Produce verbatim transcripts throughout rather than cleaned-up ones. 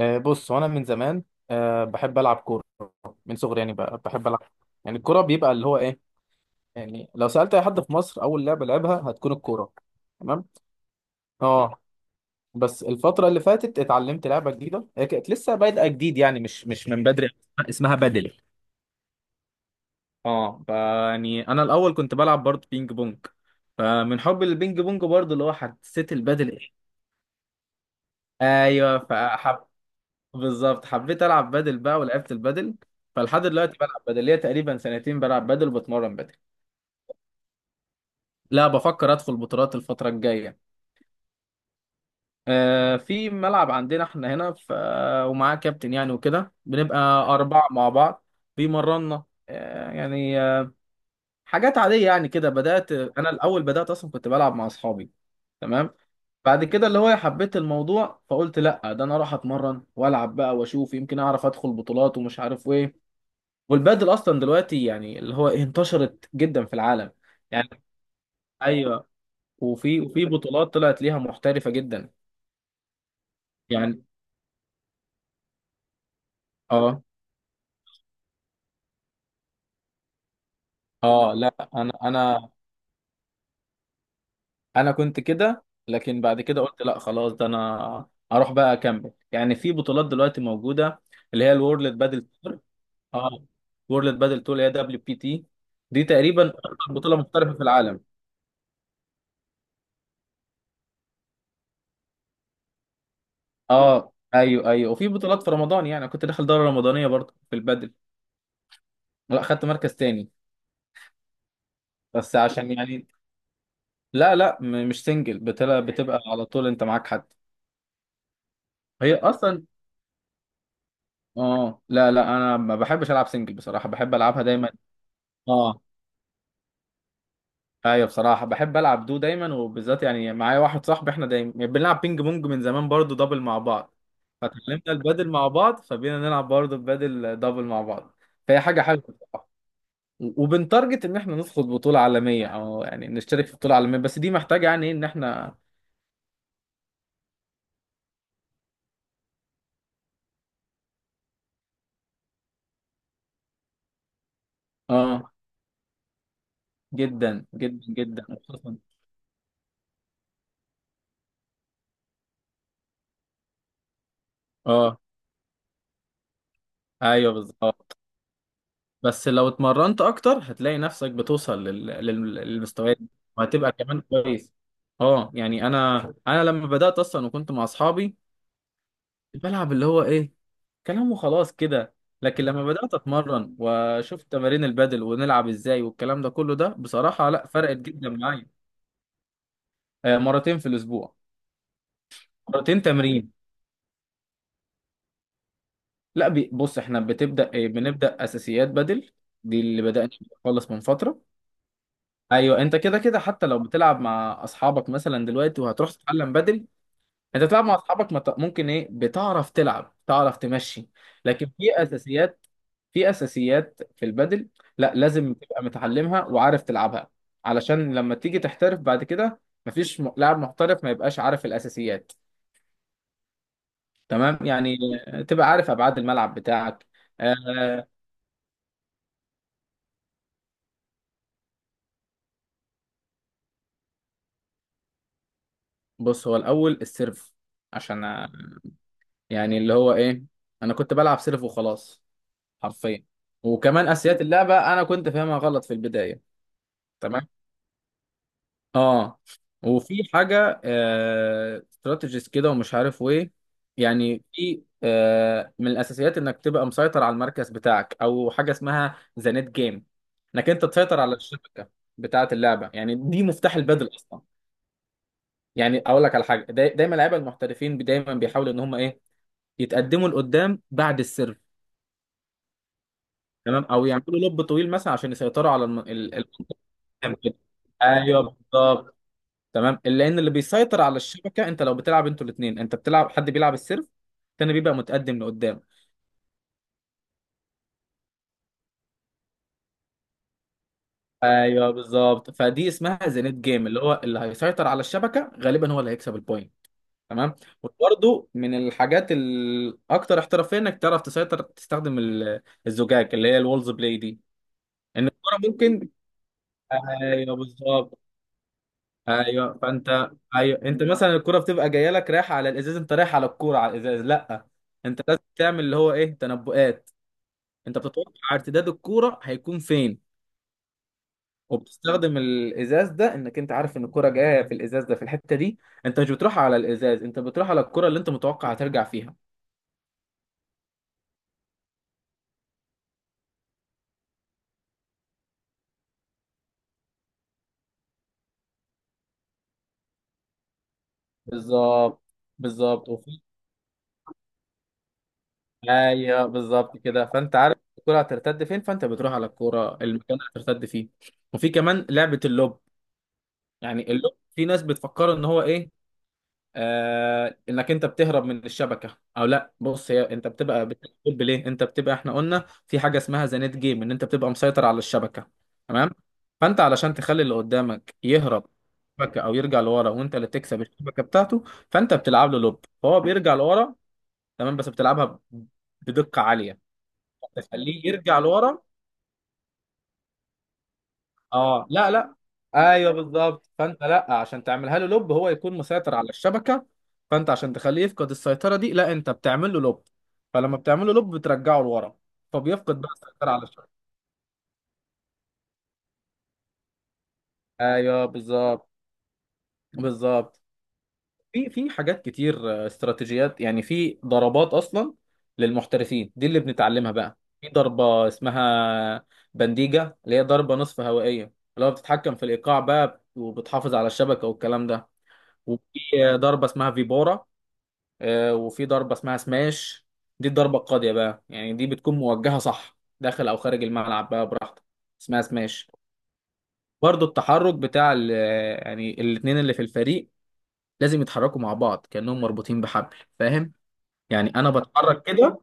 آه، بص وانا من زمان، آه، بحب العب كوره من صغري. يعني ب- بحب العب. يعني الكوره بيبقى اللي هو ايه. يعني لو سالت اي حد في مصر، اول لعبه لعبها هتكون الكوره. تمام. اه بس الفتره اللي فاتت اتعلمت لعبه جديده، هي كانت لسه بادئه جديد يعني مش مش من بدري. اسمها بدل. اه ف- يعني انا الاول كنت بلعب برضه بينج بونج، فمن حب البينج بونج برضه اللي هو حسيت البدل ايه. ايوه فحب. بالظبط، حبيت العب بادل بقى ولعبت البادل. فلحد دلوقتي بلعب بادل ليا تقريبا سنتين، بلعب بادل وبتمرن بادل. لا، بفكر ادخل بطولات الفتره الجايه. آه، في ملعب عندنا احنا هنا ف... ومعاه كابتن يعني، وكده بنبقى اربعه مع بعض. بيمرنا آه يعني آه حاجات عاديه يعني كده. بدات انا الاول، بدات اصلا كنت بلعب مع اصحابي. تمام. بعد كده اللي هو حبيت الموضوع، فقلت لا ده انا اروح اتمرن والعب بقى، واشوف يمكن اعرف ادخل بطولات ومش عارف ايه. والبادل اصلا دلوقتي يعني اللي هو إيه، انتشرت جدا في العالم. يعني ايوه. وفي وفي بطولات طلعت ليها محترفه جدا. يعني اه. اه لا، انا، انا انا كنت كده، لكن بعد كده قلت لا خلاص، ده انا اروح بقى اكمل. يعني في بطولات دلوقتي موجوده اللي هي الورلد بادل تور. اه. وورلد بادل تور اللي هي دبليو بي تي، دي تقريبا اكبر بطوله محترفه في العالم. اه ايوه ايوه. وفي بطولات في رمضان، يعني أنا كنت داخل دوره رمضانيه برضه في البادل. لا خدت مركز تاني، بس عشان يعني. لا لا، م- مش سنجل، بتبقى بتبقى على طول انت معاك حد. هي اصلا اه لا لا، انا ما بحبش العب سنجل بصراحه، بحب العبها دايما. اه ايوه، بصراحه بحب العب دو دايما، وبالذات يعني معايا واحد صاحبي احنا دايما يعني بنلعب بينج بونج من زمان برضو دبل مع بعض، فتعلمنا البادل مع بعض فبقينا نلعب برضو البادل دبل مع بعض. فهي حاجه حلوه بصراحه. و- وبنتارجت ان احنا ندخل بطوله عالميه، او يعني نشترك في بطوله عالميه، بس دي محتاجه يعني ايه ان احنا. اه جدا جدا جدا. اه ايوه بالظبط. بس لو اتمرنت اكتر هتلاقي نفسك بتوصل لل... لل... للمستويات دي. وهتبقى كمان كويس. اه يعني انا. انا لما بدات اصلا وكنت مع اصحابي بلعب اللي هو ايه، كلام وخلاص كده. لكن لما بدات اتمرن واشوف تمارين البادل ونلعب ازاي والكلام ده كله، ده بصراحه لا فرقت جدا معايا. آه، مرتين في الاسبوع. مرتين تمرين. لا بي- بص احنا بتبدا إيه، بنبدا اساسيات بدل. دي اللي بدانا خالص من فتره. ايوه، انت كده كده حتى لو بتلعب مع اصحابك مثلا دلوقتي وهتروح تتعلم بدري. انت بتلعب مع اصحابك، مت- ممكن ايه، بتعرف تلعب، تعرف تمشي. لكن في اساسيات، في اساسيات في البدل، لا لازم تبقى متعلمها وعارف تلعبها، علشان لما تيجي تحترف بعد كده. مفيش م- لاعب محترف ما يبقاش عارف الاساسيات. تمام يعني، تبقى عارف ابعاد الملعب بتاعك. آه بص، هو الاول السيرف، عشان آه، يعني اللي هو ايه، انا كنت بلعب سيرف وخلاص، حرفيا. وكمان اساسيات اللعبه انا كنت فاهمها غلط في البدايه. تمام. اه. وفي حاجه استراتيجيز كده ومش عارف وايه. يعني في آه من الاساسيات انك تبقى مسيطر على المركز بتاعك، او حاجه اسمها ذا نت جيم، انك انت تسيطر على الشبكه بتاعه اللعبه، يعني دي مفتاح البدل اصلا. يعني اقول لك على حاجه، داي دايما لعيبه المحترفين، بي- دايما بيحاولوا ان هم ايه، يتقدموا لقدام بعد السيرف. تمام. او يعملوا لوب طويل مثلا عشان يسيطروا على الم... كام كده. ايوه بالظبط. تمام، لان اللي بيسيطر على الشبكه، انت لو بتلعب انتوا الاثنين، انت بتلعب حد بيلعب السيرف، التاني بيبقى متقدم لقدام. ايوه بالظبط. فدي اسمها زينت جيم، اللي هو اللي هيسيطر على الشبكه غالبا هو اللي هيكسب البوينت. تمام. وبرده من الحاجات الاكثر احترافيه انك تعرف تسيطر، تستخدم ال- الزجاج، اللي هي الولز بلاي دي. ان الكره ممكن. ايوه بالظبط. ايوه فانت. ايوه انت مثلا الكرة بتبقى جايه لك رايحه على الازاز، انت رايح على الكوره على الازاز؟ لا، انت لازم تعمل اللي هو ايه، تنبؤات. انت بتتوقع ارتداد الكوره هيكون فين، وبتستخدم الازاز ده انك انت عارف ان الكوره جايه في الازاز ده في الحته دي، انت مش بتروح على الازاز، انت بتروح على الكوره اللي انت متوقع هترجع فيها. بالظبط. بالظبط وفي ايوه بالظبط كده. فانت عارف الكوره هترتد فين، فانت بتروح على الكوره، المكان اللي هترتد فيه. وفي كمان لعبه اللوب. يعني اللغة في ناس بتفكر ان هو ايه، آه انك انت بتهرب من الشبكه، او لا بص هي انت بتبقى بتقول ليه، انت بتبقى احنا قلنا في حاجه اسمها ذا نت جيم ان انت بتبقى مسيطر على الشبكه. تمام. فانت علشان تخلي اللي قدامك يهرب من الشبكه او يرجع لورا وانت اللي تكسب الشبكه بتاعته، فانت بتلعب له لوب فهو بيرجع لورا. تمام، بس بتلعبها بدقه عاليه. تخليه يرجع لورا. اه لا لا. ايوه بالظبط. فانت لا، عشان تعملها له لوب هو يكون مسيطر على الشبكه، فانت عشان تخليه يفقد السيطره دي، لا انت بتعمل له لوب. فلما بتعمل له لوب بترجعه لورا. فبيفقد بقى السيطره على الشبكه. ايوه بالظبط. بالظبط. في في حاجات كتير. آه، استراتيجيات يعني، في ضربات اصلا للمحترفين دي اللي بنتعلمها بقى. في ضربه اسمها بنديجه، اللي هي ضربه نصف هوائيه، اللي هو بتتحكم في الايقاع بقى وبتحافظ على الشبكه والكلام ده. وفي ضربه اسمها فيبارا. آه، وفي ضربه اسمها سماش، دي الضربه القاضيه بقى يعني، دي بتكون موجهه صح داخل او خارج الملعب بقى براحتك، اسمها سماش. برضو التحرك بتاع ال- يعني الاتنين اللي في الفريق لازم يتحركوا مع بعض كأنهم مربوطين بحبل، فاهم يعني، انا بتحرك كده.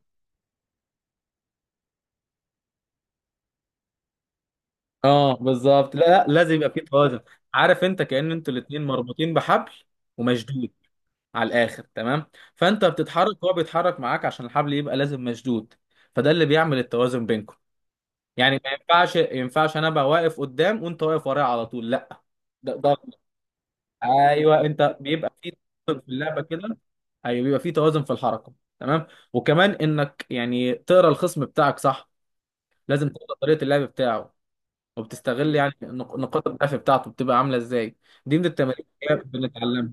اه بالظبط. لا لا، لازم يبقى في توازن. عارف، انت كأن انتوا الاتنين مربوطين بحبل ومشدود على الاخر. تمام. فانت بتتحرك وهو بيتحرك معاك عشان الحبل يبقى لازم مشدود، فده اللي بيعمل التوازن بينكم. يعني ما ينفعش، ينفعش انا ابقى واقف قدام وانت واقف ورايا على طول؟ لا، ده ده غلط. ايوه، انت بيبقى في توازن في اللعبه كده. ايوه بيبقى في توازن في الحركه. تمام. وكمان انك يعني تقرا الخصم بتاعك صح، لازم تقرا طريقه اللعب بتاعه، وبتستغل يعني نق- نقاط الضعف بتاعته بتبقى عامله ازاي. دي من التمارين اللي بنتعلمها.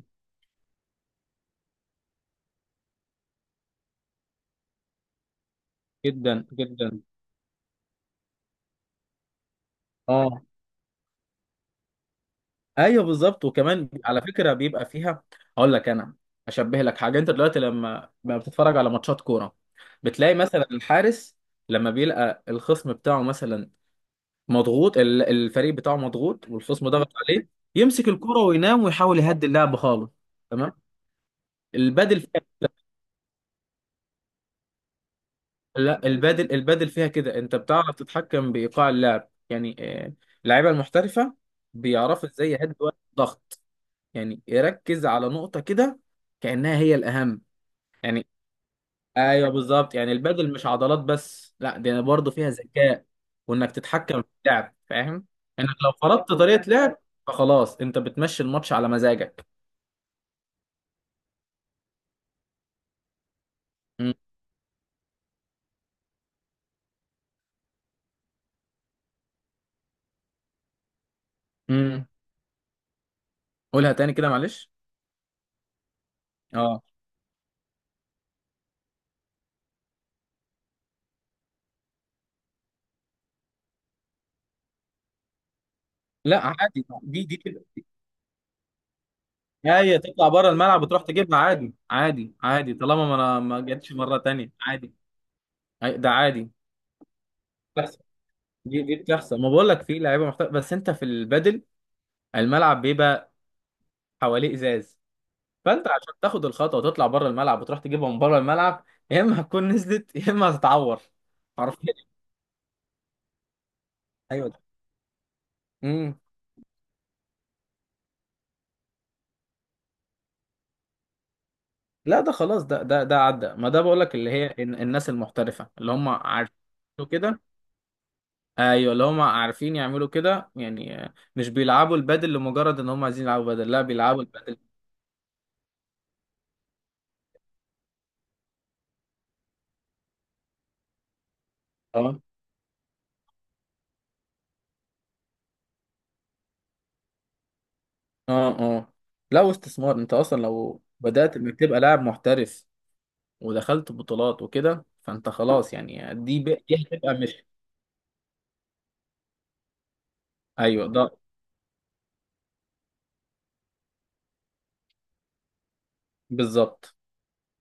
جدا جدا. اه ايوه بالظبط. وكمان على فكره بيبقى فيها. هقول لك انا، اشبه لك حاجه. انت دلوقتي لما لما بتتفرج على ماتشات كوره، بتلاقي مثلا الحارس لما بيلقى الخصم بتاعه مثلا مضغوط، ال- الفريق بتاعه مضغوط والخصم ضغط عليه، يمسك الكوره وينام ويحاول يهدي اللعب خالص. تمام. البادل فيها. لا البادل، البادل فيها كده. انت بتعرف تتحكم بايقاع اللعب يعني. آه، اللعيبه المحترفه بيعرفوا ازاي يهدوا الضغط، يعني يركز على نقطه كده كأنها هي الأهم. يعني ايوه بالظبط. يعني البادل مش عضلات بس، لا دي برضه فيها ذكاء، وانك تتحكم في اللعب. فاهم، انك لو فرضت طريقه لعب، فخلاص انت بتمشي الماتش على مزاجك. امم. أمم. قولها تاني كده معلش. اه لا عادي، دي دي كده. هي تطلع بره الملعب وتروح تجيبها، عادي عادي عادي، طالما ما انا ما جاتش مره تانية، عادي. أي- ده عادي. بتحصل. دي دي بتحصل، ما بقول لك في لعيبه محترفه. بس انت في البادل الملعب بيبقى حواليه ازاز، فانت عشان تاخد الخطوه وتطلع بره الملعب وتروح تجيبها من بره الملعب، يا اما هتكون نزلت يا اما هتتعور. حرفيا. ايوه ده. امم. لا ده خلاص، ده ده ده عدى. ما ده بقول لك اللي هي الن- الناس المحترفه اللي هم عارفين كده. ايوه اللي هم عارفين يعملوا كده يعني. آه، مش بيلعبوا البادل لمجرد ان هم عايزين يلعبوا بادل، لا بيلعبوا البادل. اه اه اه. لا واستثمار، انت اصلا لو بدات انك تبقى لاعب محترف ودخلت بطولات وكده، فانت خلاص يعني، دي ب... دي هتبقى مش. ايوه ده بالظبط.